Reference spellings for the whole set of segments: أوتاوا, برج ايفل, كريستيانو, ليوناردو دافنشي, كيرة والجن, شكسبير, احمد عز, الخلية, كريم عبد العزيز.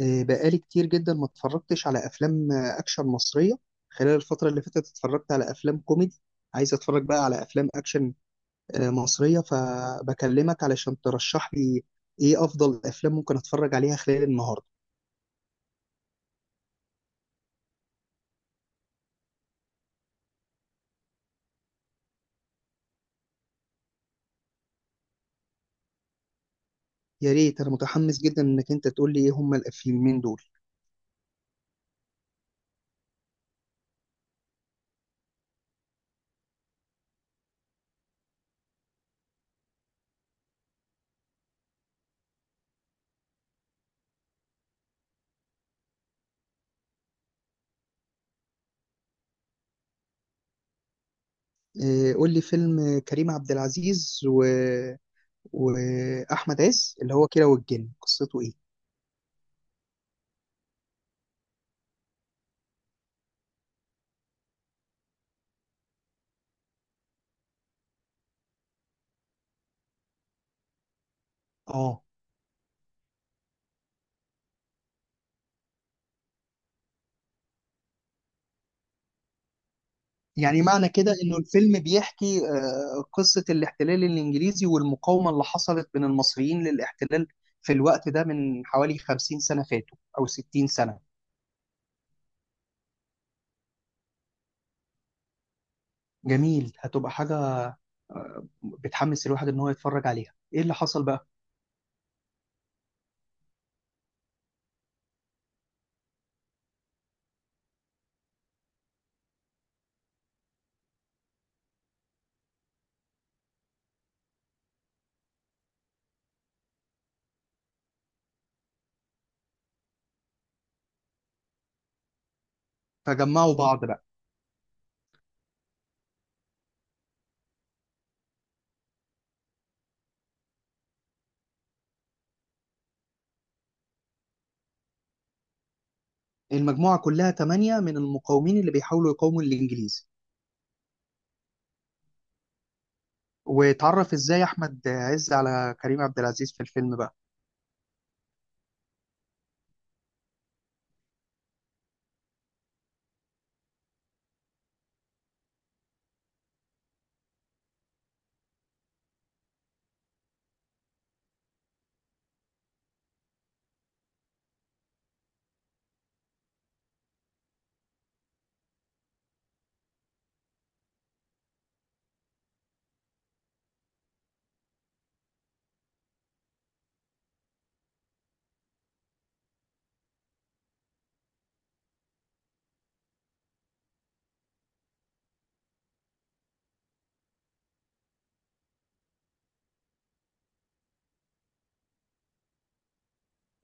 بقالي كتير جدا ما اتفرجتش على افلام اكشن مصريه. خلال الفتره اللي فاتت اتفرجت على افلام كوميدي. عايز اتفرج بقى على افلام اكشن مصريه، فبكلمك علشان ترشح لي ايه افضل افلام ممكن اتفرج عليها خلال النهارده. يا ريت، انا متحمس جدا انك انت تقول لي ايه هما الفيلمين دول. قول لي فيلم كريم عبد العزيز واحمد عز اللي هو كيرة والجن، قصته ايه؟ اه، يعني معنى كده انه الفيلم بيحكي قصة الاحتلال الانجليزي والمقاومة اللي حصلت من المصريين للاحتلال في الوقت ده من حوالي 50 سنة فاتوا او 60 سنة. جميل، هتبقى حاجة بتحمس الواحد ان هو يتفرج عليها. ايه اللي حصل بقى؟ فجمعوا بعض بقى. المجموعة كلها تمانية من المقاومين اللي بيحاولوا يقاوموا الانجليز. واتعرف ازاي احمد عز على كريم عبد العزيز في الفيلم بقى؟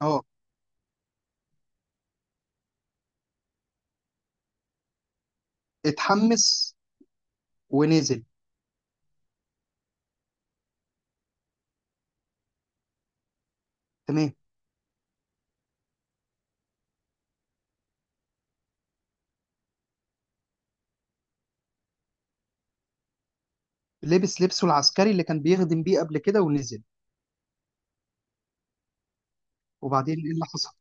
اه، اتحمس ونزل. تمام. لبس لبسه العسكري اللي كان بيخدم بيه قبل كده ونزل. وبعدين ايه اللي حصل؟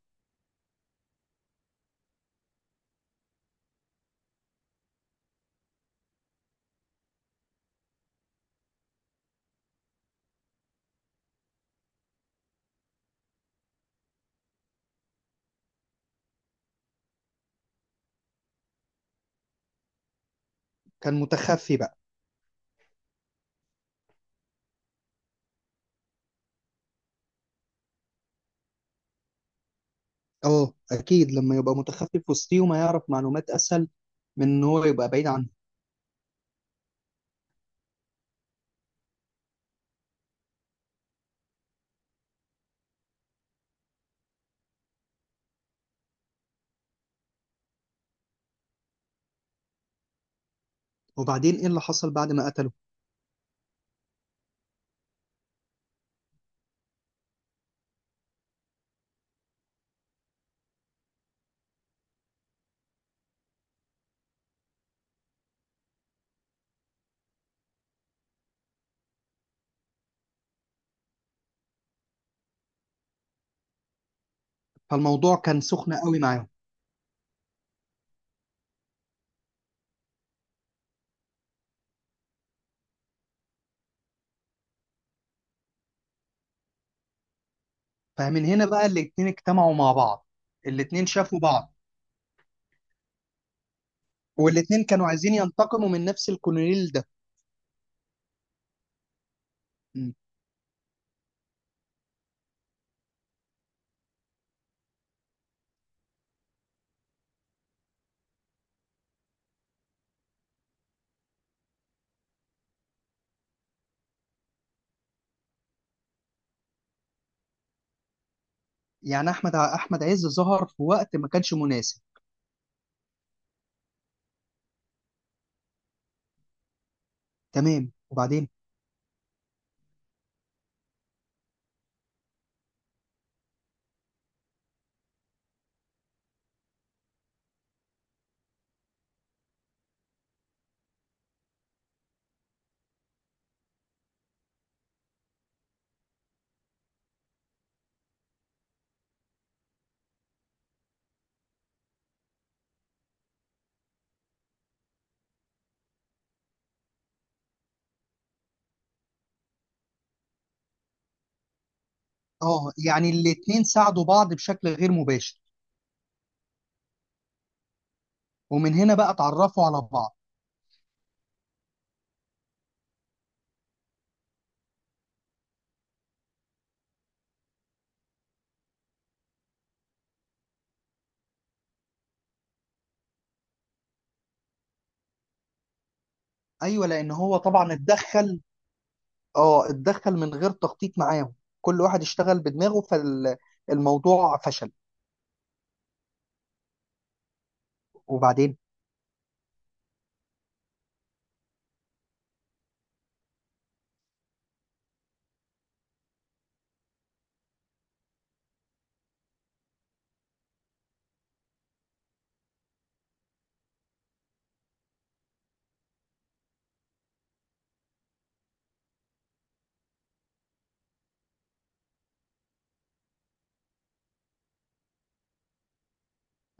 كان متخفي بقى. اه، اكيد لما يبقى متخفي في وسطيهم هيعرف معلومات اسهل من ان هو يبقى بعيد عنه. وبعدين ايه اللي حصل بعد ما قتله؟ فالموضوع كان سخن قوي معاهم. فمن هنا بقى الاتنين اجتمعوا مع بعض. الاتنين شافوا بعض. والاتنين كانوا عايزين ينتقموا من نفس الكولونيل ده. م. يعني احمد عز ظهر في وقت ما كانش مناسب. تمام وبعدين. اه، يعني الاتنين ساعدوا بعض بشكل غير مباشر. ومن هنا بقى اتعرفوا على بعض. ايوه، لان هو طبعا اتدخل. اه اتدخل من غير تخطيط معاهم، كل واحد اشتغل بدماغه فالموضوع فشل. وبعدين؟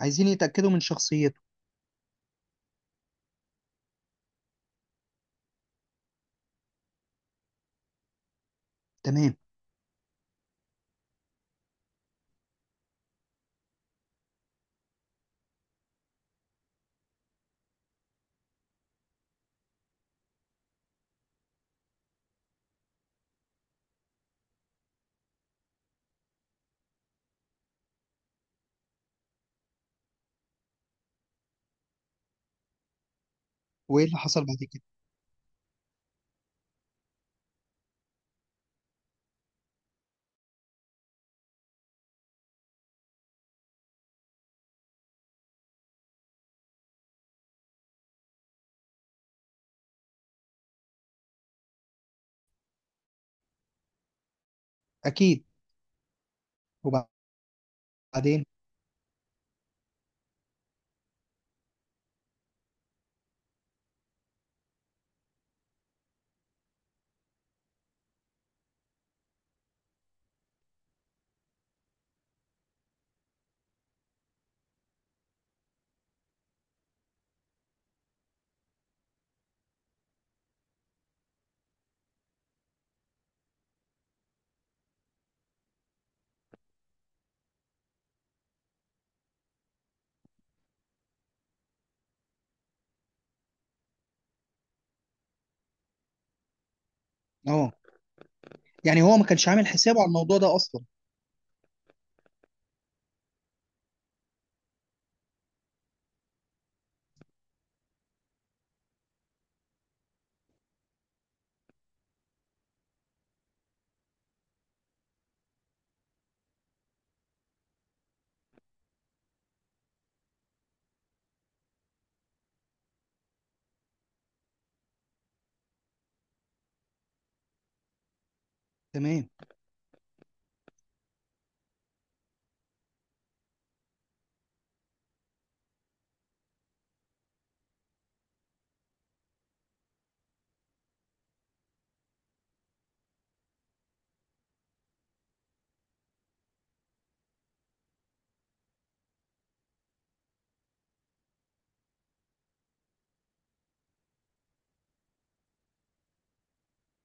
عايزين يتاكدوا من شخصيته. تمام، وايه اللي حصل بعد كده؟ اكيد. وبعدين؟ اه، يعني هو ما كانش عامل حسابه على الموضوع ده اصلا. تمام.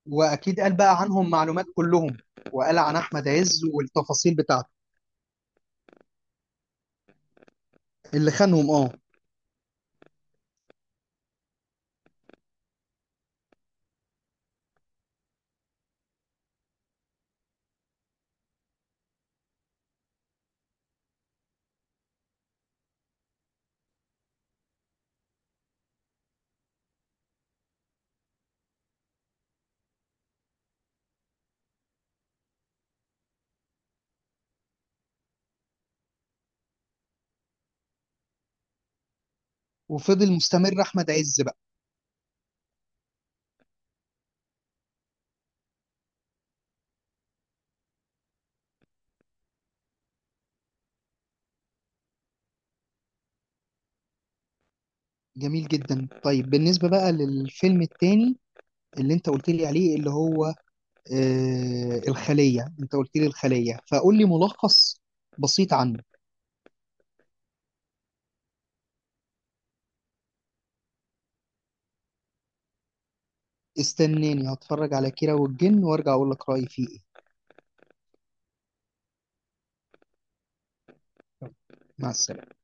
واكيد قال بقى عنهم معلومات كلهم، وقال عن احمد عز والتفاصيل بتاعته. اللي خانهم، اه. وفضل مستمر احمد عز بقى. جميل جدا، طيب بالنسبه بقى للفيلم التاني اللي انت قلت لي عليه، اللي هو الخلية. انت قلت لي الخلية، فقول لي ملخص بسيط عنه. استناني هتفرج على كيرة والجن وارجع اقول لك رأيي فيه ايه. مع السلامة.